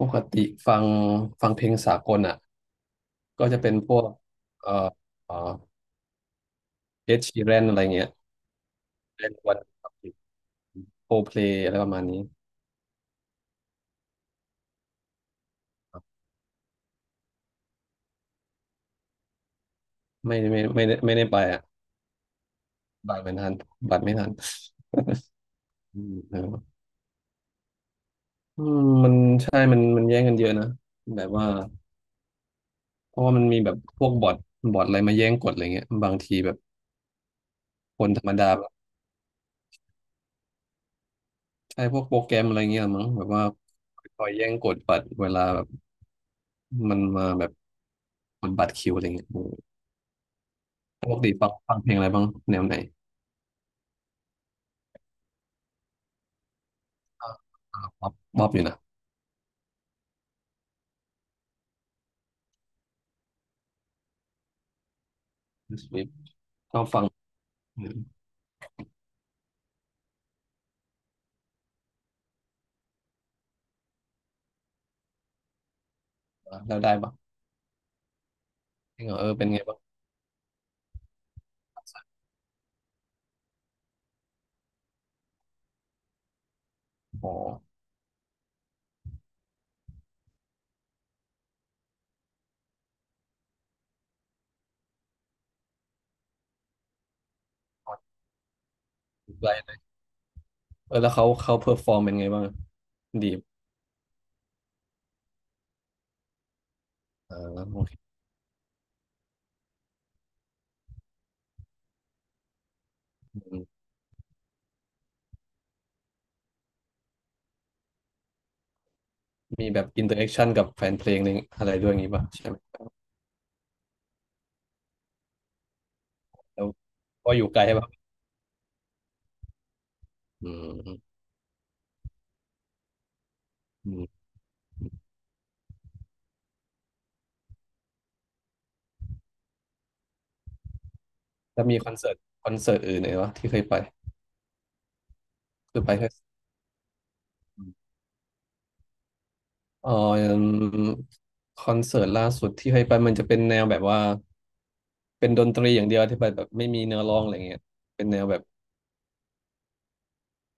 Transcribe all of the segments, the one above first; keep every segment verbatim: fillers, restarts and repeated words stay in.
ปกติฟังฟังเพลงสากลอ่ะก็จะเป็นพวกเอ่อเอ่อเอชชีแรนอะไรเงี้ยเป็นวันโคเพลอะไรประมาณนี้ครับไม่ไม่ไม่ได้ไม่ได้ไปอ่ะบัตรไม่ทันบัตรไม่ทันอืมเอออืมมันใช่มันมันแย่งกันเยอะนะแบบว่าเพราะว่ามันมีแบบพวกบอทบอทอะไรมาแย่งกดอะไรเงี้ยบางทีแบบคนธรรมดาแบบใช่พวกโปรแกรมอะไรเงี้ยมั้งแบบว่าคอยแย่งกดบัตรเวลาแบบมันมาแบบกดบัตรคิวอะไรเงี้ย ปกติฟังฟังเพลงอะไรบ้างแนวไหนอ่าอ่าบ๊อบบ๊อบอยู่นะสวิฟชอบฟังอือแล้วได้ปะจริงเหรอเออเป็นไงบ้างโอ้โหไกลเลยเออแล้วเขาเขาเพอร์ฟอร์มเป็นไงบ้างดีอ่าโอเคมีแบบอินเตอร์แอคชั่นกับแฟนเพลงนึงอะไรด้วยอย่างงี้ปะใช่ไหมแล้วก็อยู่ไกลใช่ปะอืมอืมแล้วมีคอนเสิร์ตคอนเสิร์ตอื่นไหนวะที่เคยไปคือไปแค่เอ่อคอนเสิร์ตล่าสุดที่เคยไปมันจะเป็นแนวแบบว่า เป็นดนตรีอย่างเดียวที่แบบแบบไม่มีเนื้อร้องอะไรเงี้ยเป็นแนวแบบ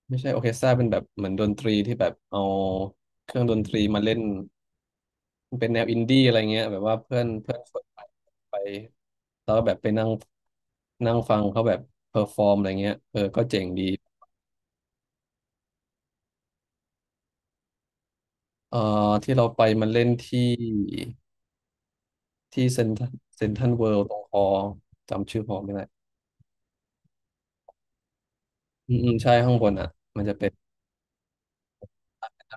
ไม่ใช่ออร์เคสตราเป็นแบบเหมือนดนตรีที่แบบเอาเครื่องดนตรีมาเล่นมันเป็นแนวอินดี้อะไรเงี้ยแบบว่าเพื่อนเพื่อนชวนไปไปแล้วก็แบบไปนั่งนั่งฟังเขาแบบเพอร์ฟอร์มอะไรเงี้ยเออก็เจ๋งดีเอ่อที่เราไปมันเล่นที่ที่เซ็นเซ็นทรัลเวิลด์ตรงคอจำชื่อฮอไม่ได้อืมอืมใช่ข้างบนอ่ะมันจะเป็น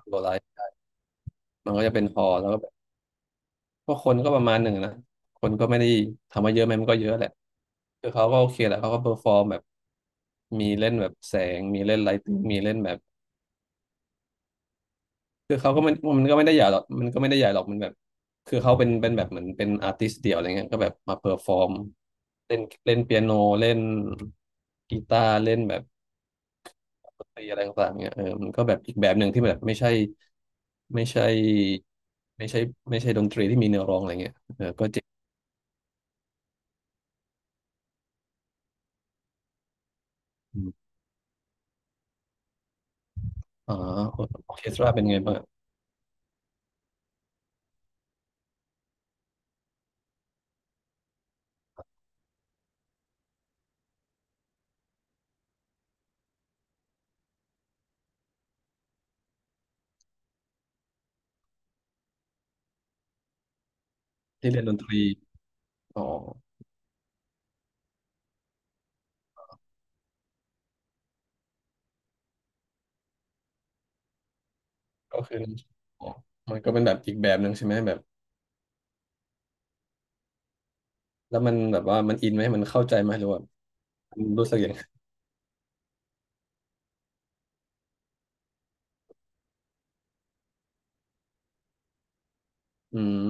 โลไลท์มันก็จะเป็นฮอแล้วก็ ก็คนก็ประมาณหนึ่งนะคนก็ไม่ได้ทำมาเยอะไหมมันก็เยอะแหละคือเขาก็โอเคแหละเขาก็เ e อร์ฟอร์มแบบมีเล่นแบบแสงมีเล่นไลท์มีเล่นแบบคือเขาก็มันมันก็ไม่ได้ใหญ่หรอกมันก็ไม่ได้ใหญ่หรอกมันแบบคือเขาเป็นเป็นแบบเหมือนเป็นอาร์ติสต์เดี่ยวอะไรเงี้ยก็แบบมาเพอร์ฟอร์มเล่นเล่นเปียโนเล่นกีตาร์เล่นแบบดนตรีอะไรต่างๆเงี้ยเออมันก็แบบอีกแบบหนึ่งที่แบบไม่ใช่ไม่ใช่ไม่ใช่ไม่ใช่ดนตรีที่มีเนื้อร้องอะไรเงี้ยเออก็เจ๋ง อ๋อออร์เคสตราเป็นไงบ้างที่เรียนดนตรีอ๋อก็คืออ๋อมันก็เป็นแบบอีกแบบหนึ่งใช่ไหมแบบแล้วมันแบบว่ามันอินไหมมันเข้าใจไหมหรือว่ามันรู้สึกยังไงอืม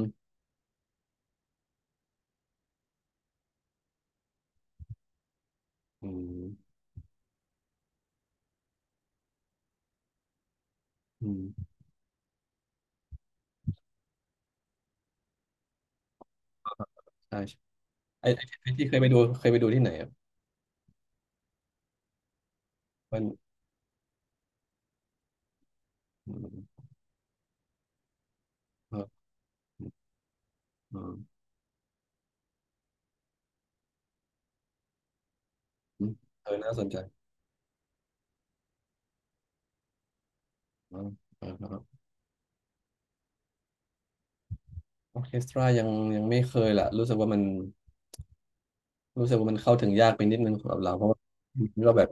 อืมอืมใช่ใช่ไอ้ไอ้ไอ้ที่เคยไปดูเคยไปดูที่ไหนอ่ะมันอืมครัอืมอืมเออน่าสนใจอืมออครับออร์เคสตรายังยังไม่เคยล่ะรู้สึกว่ามันรู้สึกว่ามันเข้าถึงยากไปนิดนึงสำหรับเราเพราะว่ามันก็แบบ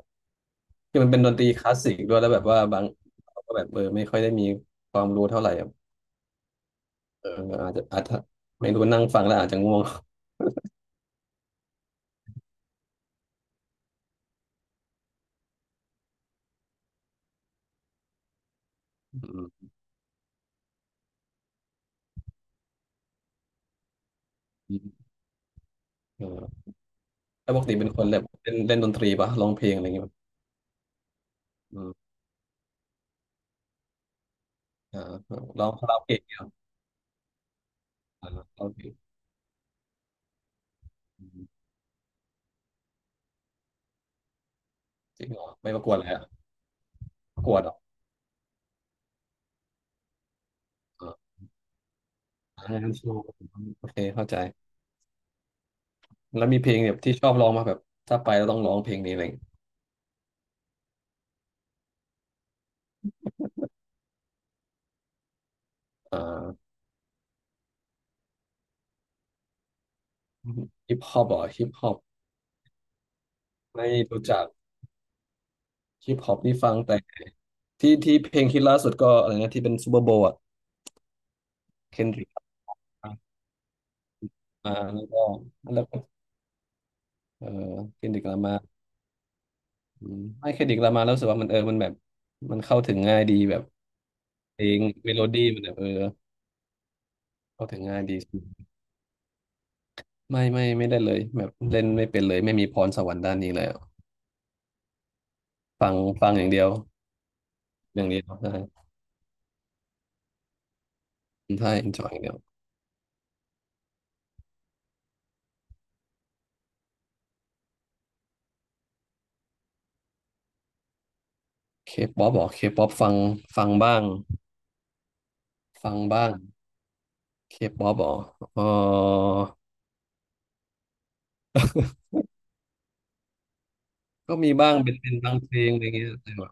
คือมันเป็นดนตรีคลาสสิกด้วยแล้วแบบว่าบางเราก็แบบเออไม่ค่อยได้มีความรู้เท่าไหร่อะเอออาจจะอาจจะไม่รู้นั่งฟังแล้วอาจจะง่วง อืมอืมเออแล้วปกติเป็นคนแบบเล่นเล่นดนตรีปะร้องเพลงอะไรเงี้ยปะอืมอ่าร้องคาราโอเกะเนี่ยเหรออ่าร้องเพลงอืมจริงเหรอไม่ประกวดเลยอะประกวดเหรออ่าอ่างนโโอเคเข้าใจแล้วมีเพลงแบบที่ชอบร้องมาแบบถ้าไปแล้วต้องร้องเพลงนี้อะไรอย่างเงี้ยอ่าฮิปฮอปเหรอฮิปฮอปไม่รู้จักฮิปฮอปนี่ฟังแต่ ที่ที่เพลงคิดล่าสุดก็อะไรนะที่เป็นซูเปอร์โบว์อะเคนดริกมา แล้วก็ แล้วก็เออเคนดริกลามาอืมไม่เคนดริกลามาแล้วรู้สึกว่ามันเออ มันแบบ มันเข้าถึงง่ายดีแบบเพลงเมโลดี้มันแบบเออเข้าถึงง่ายดี ไม่ไม่ไม่ได้เลยแบบเล่นไม่เป็นเลยไม่มีพรสวรรค์ด้านนี้เลยอะฟังฟังอย่างเดียวอย่างเดียวใช่ใช่ enjoy อย่างเดียวเคป๊อปหรอเคป๊อปฟังฟังบ้างฟังบ้างเคป๊อปหรอเออก็มีบ้างเป็นเป็นบางเพลงอะไรเงี้ยแต่แบบ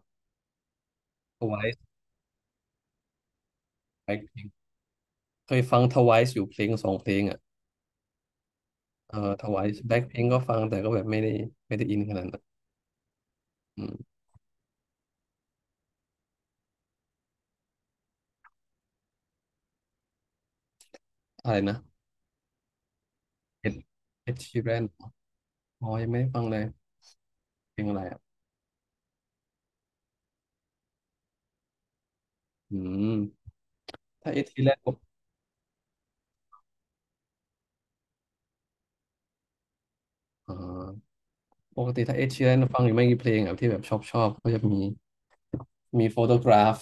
Twice แบล็คพิงเคยฟังทไวายอยู่เพลงสองเพลงอ่ะเออทไวายแบล็คพิงค์ก็ฟังแต่ก็แบบไม่ได้ไม่ได้อินขนาดนั้นอืมอะไรนะเอ็ดเอชีรนอ๋อยังไม่ได้ฟังเลยเพลงอะไรอ่ะอืมถ้าเอชีแรนปกอ่าปกติถ้าเอชีแรนฟังอยู่ไม่กี่เพลงอ่ะที่แบบชอบชอบก็จะมีมีโฟโตกราฟ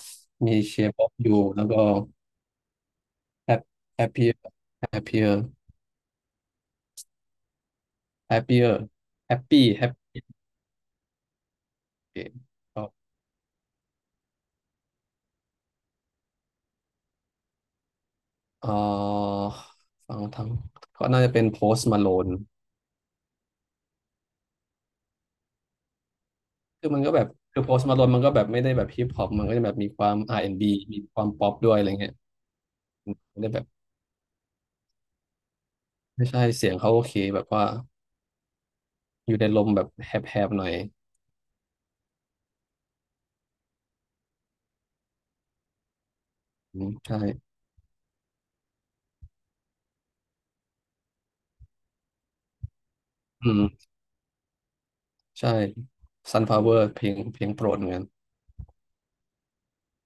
มีเชฟออฟยูแล้วก็แฮปแฮปปี้แฮปปี้แฮปปี้แฮปปี้แฮปปี้เอ่อฟังทั้งก็น่าจะเป็นโพส t m มาโลน คือมันก็แบบคือโพสต์มาลอนมันก็แบบไม่ได้แบบฮิปฮอปมันก็จะแบบมีความ อาร์ แอนด์ บี มีความป๊อปด้วยอะไรเงี้ยมันได้แบบไม่ใช่เสียงเขาโอเคแบบว่าอยู่ในลมแบบแหบๆหน่อยอืมใช่อืมใช่ Sunflower เพลงเพลงโปรดเหมือนกัน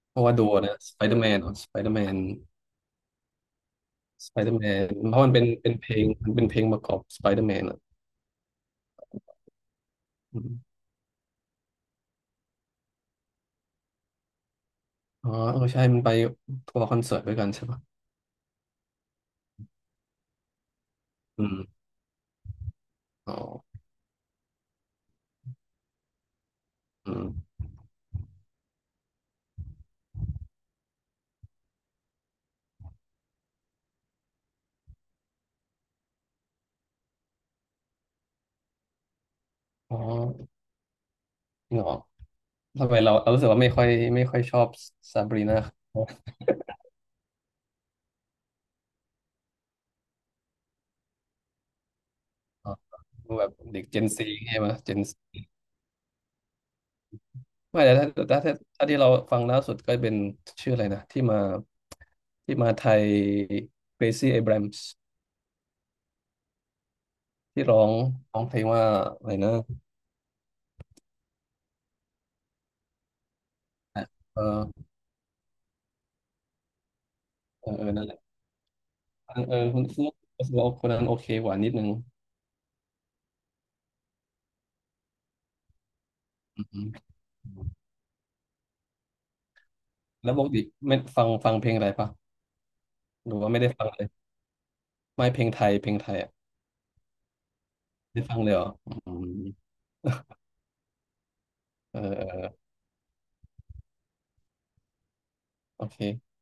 เพราะว่าดูนะ Spider-Man อ่ะ Spider-Man Spider-Man เพราะมันเป็นเป็นเพลงมันเป็นเพลงประกอบ Spider-Man อ่ะอืมอ๋อเออใช่มันไปทัวร์คอนเสิร์ตด้วยกันใช่ปะอืมอ๋ออืมอ๋อจริงเหรอ ทำไมเราเรารู้สึกว่าไม่ค่อยไม่ค่อยชอบซาบรีนาอ๋อดูแบบเด็กเจนซีใช่ไหมเจนไม่แต่ถ้าถ้าถ้าถ้าที่เราฟังล่าสุดก็เป็นชื่ออะไรนะที่มาที่มาไทยเ r a ซี่ a อ r บรมส์ที่ร้องร้องเพลงว่าอะไรนะเออเออเออนั่นแหละเออคุณคุณรู้สึกว่าคนนั้นโอเคกว่านิดนึงอืมแล้วปกติไม่ฟังฟังเพลงอะไรปะหรือว่าไม่ได้ฟังเลยไม่เพลงไทยเพลงไทยอ่ะได้ฟังเลยเหรออืมเออเออโอเค